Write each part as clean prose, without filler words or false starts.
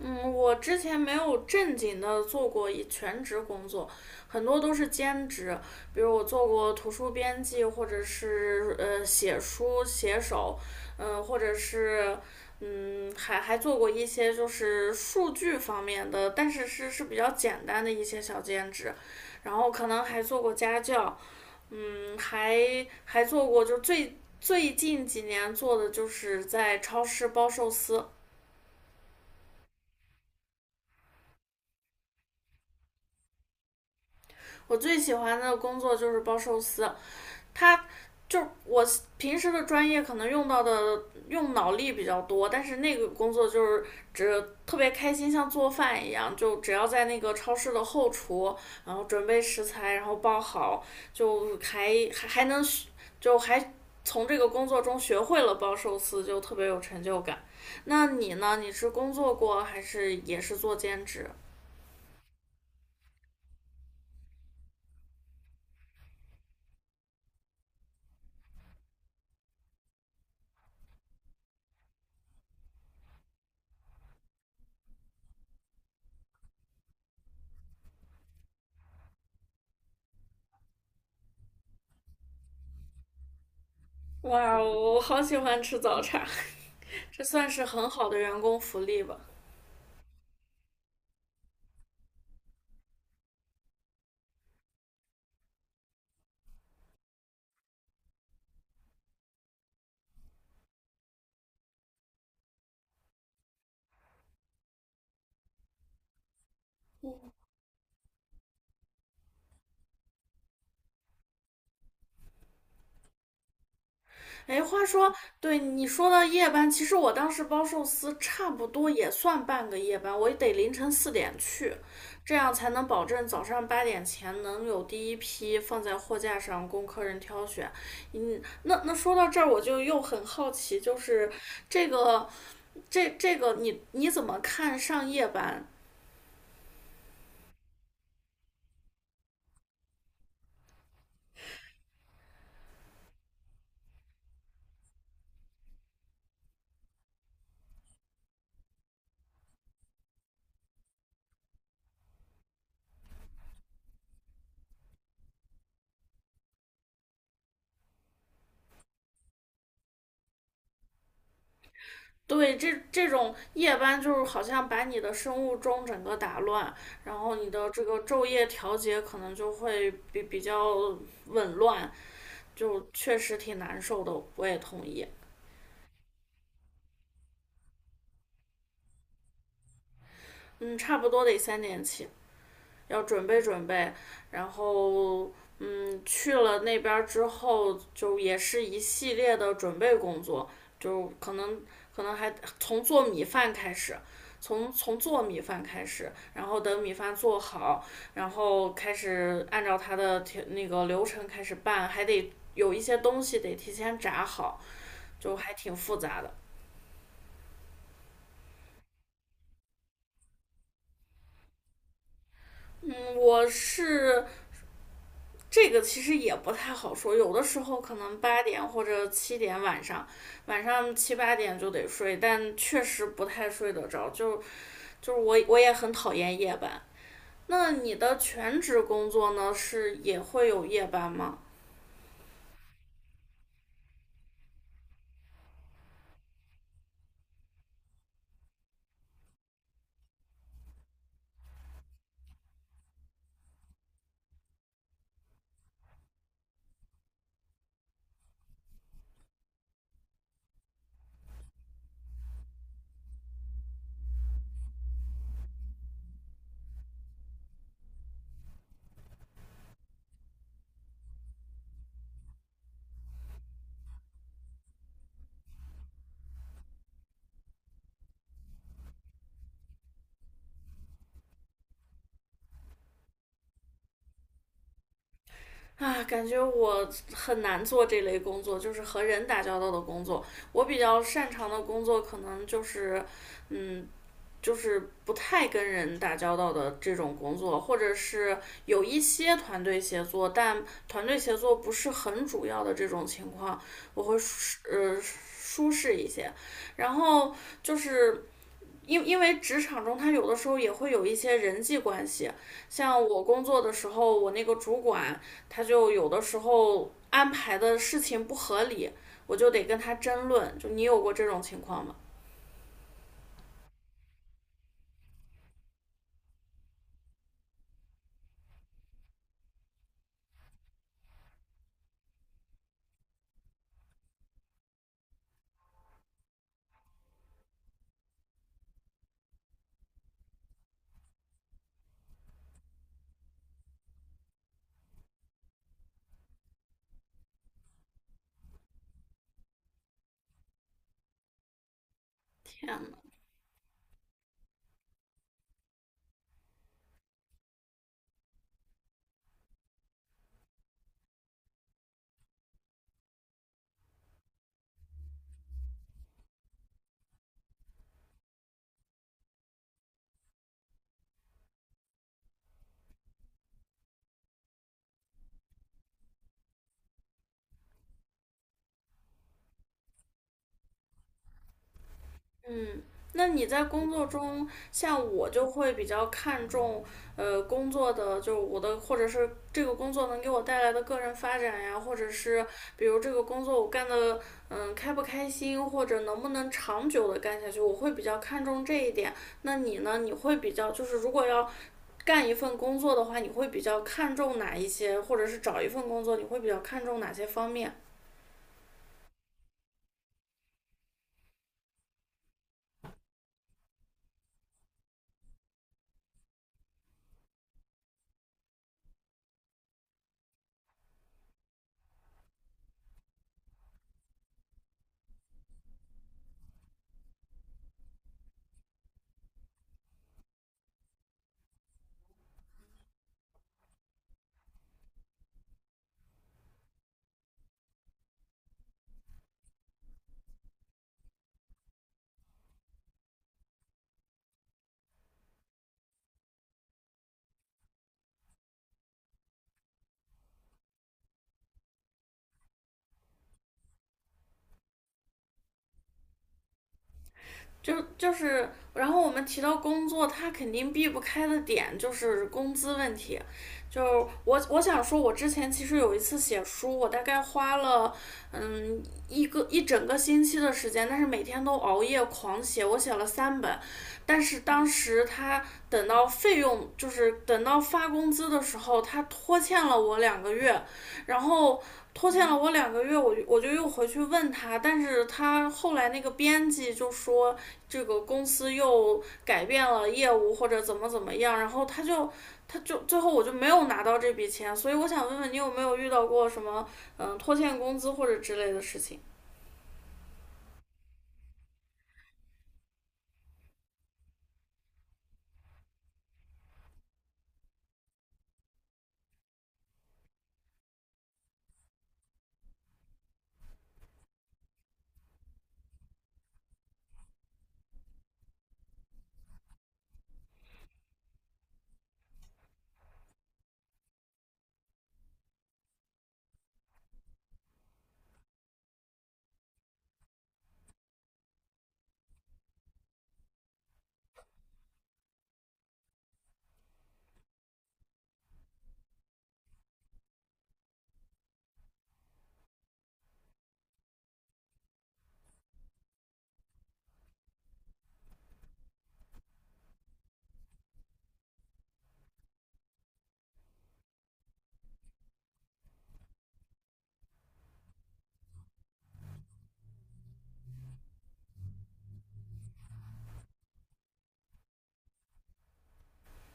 嗯，我之前没有正经的做过一全职工作，很多都是兼职。比如我做过图书编辑，或者是写书写手，或者是还做过一些就是数据方面的，但是比较简单的一些小兼职。然后可能还做过家教。嗯，还还做过就最近几年做的就是在超市包寿司。我最喜欢的工作就是包寿司。它就我平时的专业可能用到的用脑力比较多，但是那个工作就是只特别开心，像做饭一样，就只要在那个超市的后厨，然后准备食材，然后包好，就还还还能就还从这个工作中学会了包寿司，就特别有成就感。那你呢？你是工作过还是也是做兼职？哇，我好喜欢吃早茶。这算是很好的员工福利吧？哎，话说，对，你说到夜班，其实我当时包寿司差不多也算半个夜班，我得凌晨4点去，这样才能保证早上八点前能有第一批放在货架上供客人挑选。那说到这儿，我就又很好奇，就是这个这个你怎么看上夜班？对，这种夜班就是好像把你的生物钟整个打乱，然后你的这个昼夜调节可能就会比较紊乱，就确实挺难受的。我也同意。嗯，差不多得3点起。要准备准备，然后去了那边之后，就也是一系列的准备工作，就可能还从做米饭开始，从做米饭开始，然后等米饭做好，然后开始按照它的那个流程开始拌，还得有一些东西得提前炸好，就还挺复杂的。嗯，我是这个其实也不太好说，有的时候可能八点或者7点晚上，晚上七八点就得睡，但确实不太睡得着。就是我也很讨厌夜班。那你的全职工作呢，是也会有夜班吗？啊，感觉我很难做这类工作，就是和人打交道的工作。我比较擅长的工作可能就是，嗯，就是不太跟人打交道的这种工作，或者是有一些团队协作，但团队协作不是很主要的这种情况，我会舒适一些。然后就是因为职场中，它有的时候也会有一些人际关系，像我工作的时候，我那个主管他就有的时候安排的事情不合理，我就得跟他争论。就你有过这种情况吗？天呐！嗯，那你在工作中，像我就会比较看重，工作的就是我的，或者是这个工作能给我带来的个人发展呀，或者是比如这个工作我干的，开不开心，或者能不能长久的干下去，我会比较看重这一点。那你呢？你会比较就是如果要干一份工作的话，你会比较看重哪一些，或者是找一份工作，你会比较看重哪些方面？就是，然后我们提到工作，他肯定避不开的点就是工资问题。就我想说，我之前其实有一次写书，我大概花了嗯一整个星期的时间，但是每天都熬夜狂写，我写了3本。但是当时他等到费用，就是等到发工资的时候，他拖欠了我两个月，然后拖欠了我两个月，我就又回去问他，但是他后来那个编辑就说，这个公司又改变了业务或者怎么怎么样，然后他就最后我就没有拿到这笔钱，所以我想问问你有没有遇到过什么拖欠工资或者之类的事情？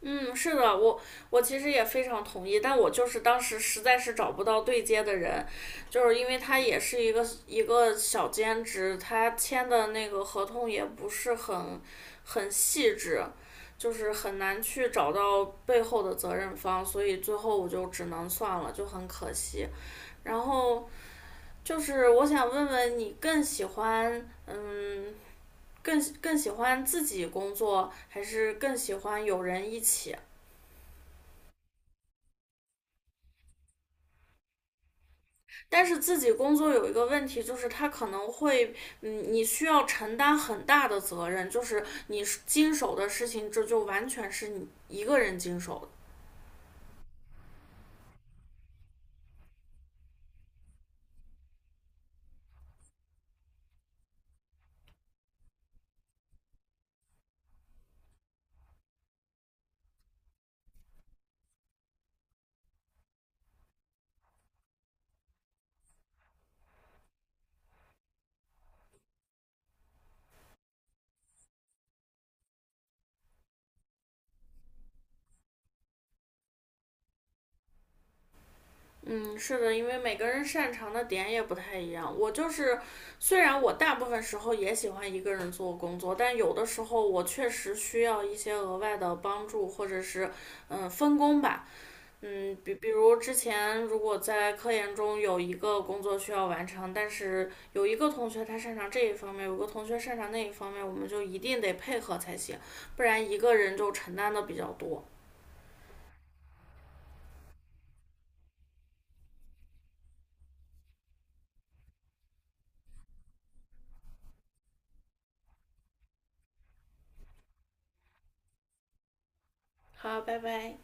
嗯，是的，我其实也非常同意，但我就是当时实在是找不到对接的人，就是因为他也是一个小兼职，他签的那个合同也不是很细致，就是很难去找到背后的责任方，所以最后我就只能算了，就很可惜。然后就是我想问问你，更喜欢自己工作，还是更喜欢有人一起？但是自己工作有一个问题，就是他可能会，你需要承担很大的责任，就是你经手的事情，这就完全是你一个人经手的。嗯，是的，因为每个人擅长的点也不太一样。我就是，虽然我大部分时候也喜欢一个人做工作，但有的时候我确实需要一些额外的帮助，或者是分工吧。比如之前如果在科研中有一个工作需要完成，但是有一个同学他擅长这一方面，有个同学擅长那一方面，我们就一定得配合才行，不然一个人就承担的比较多。好，拜拜。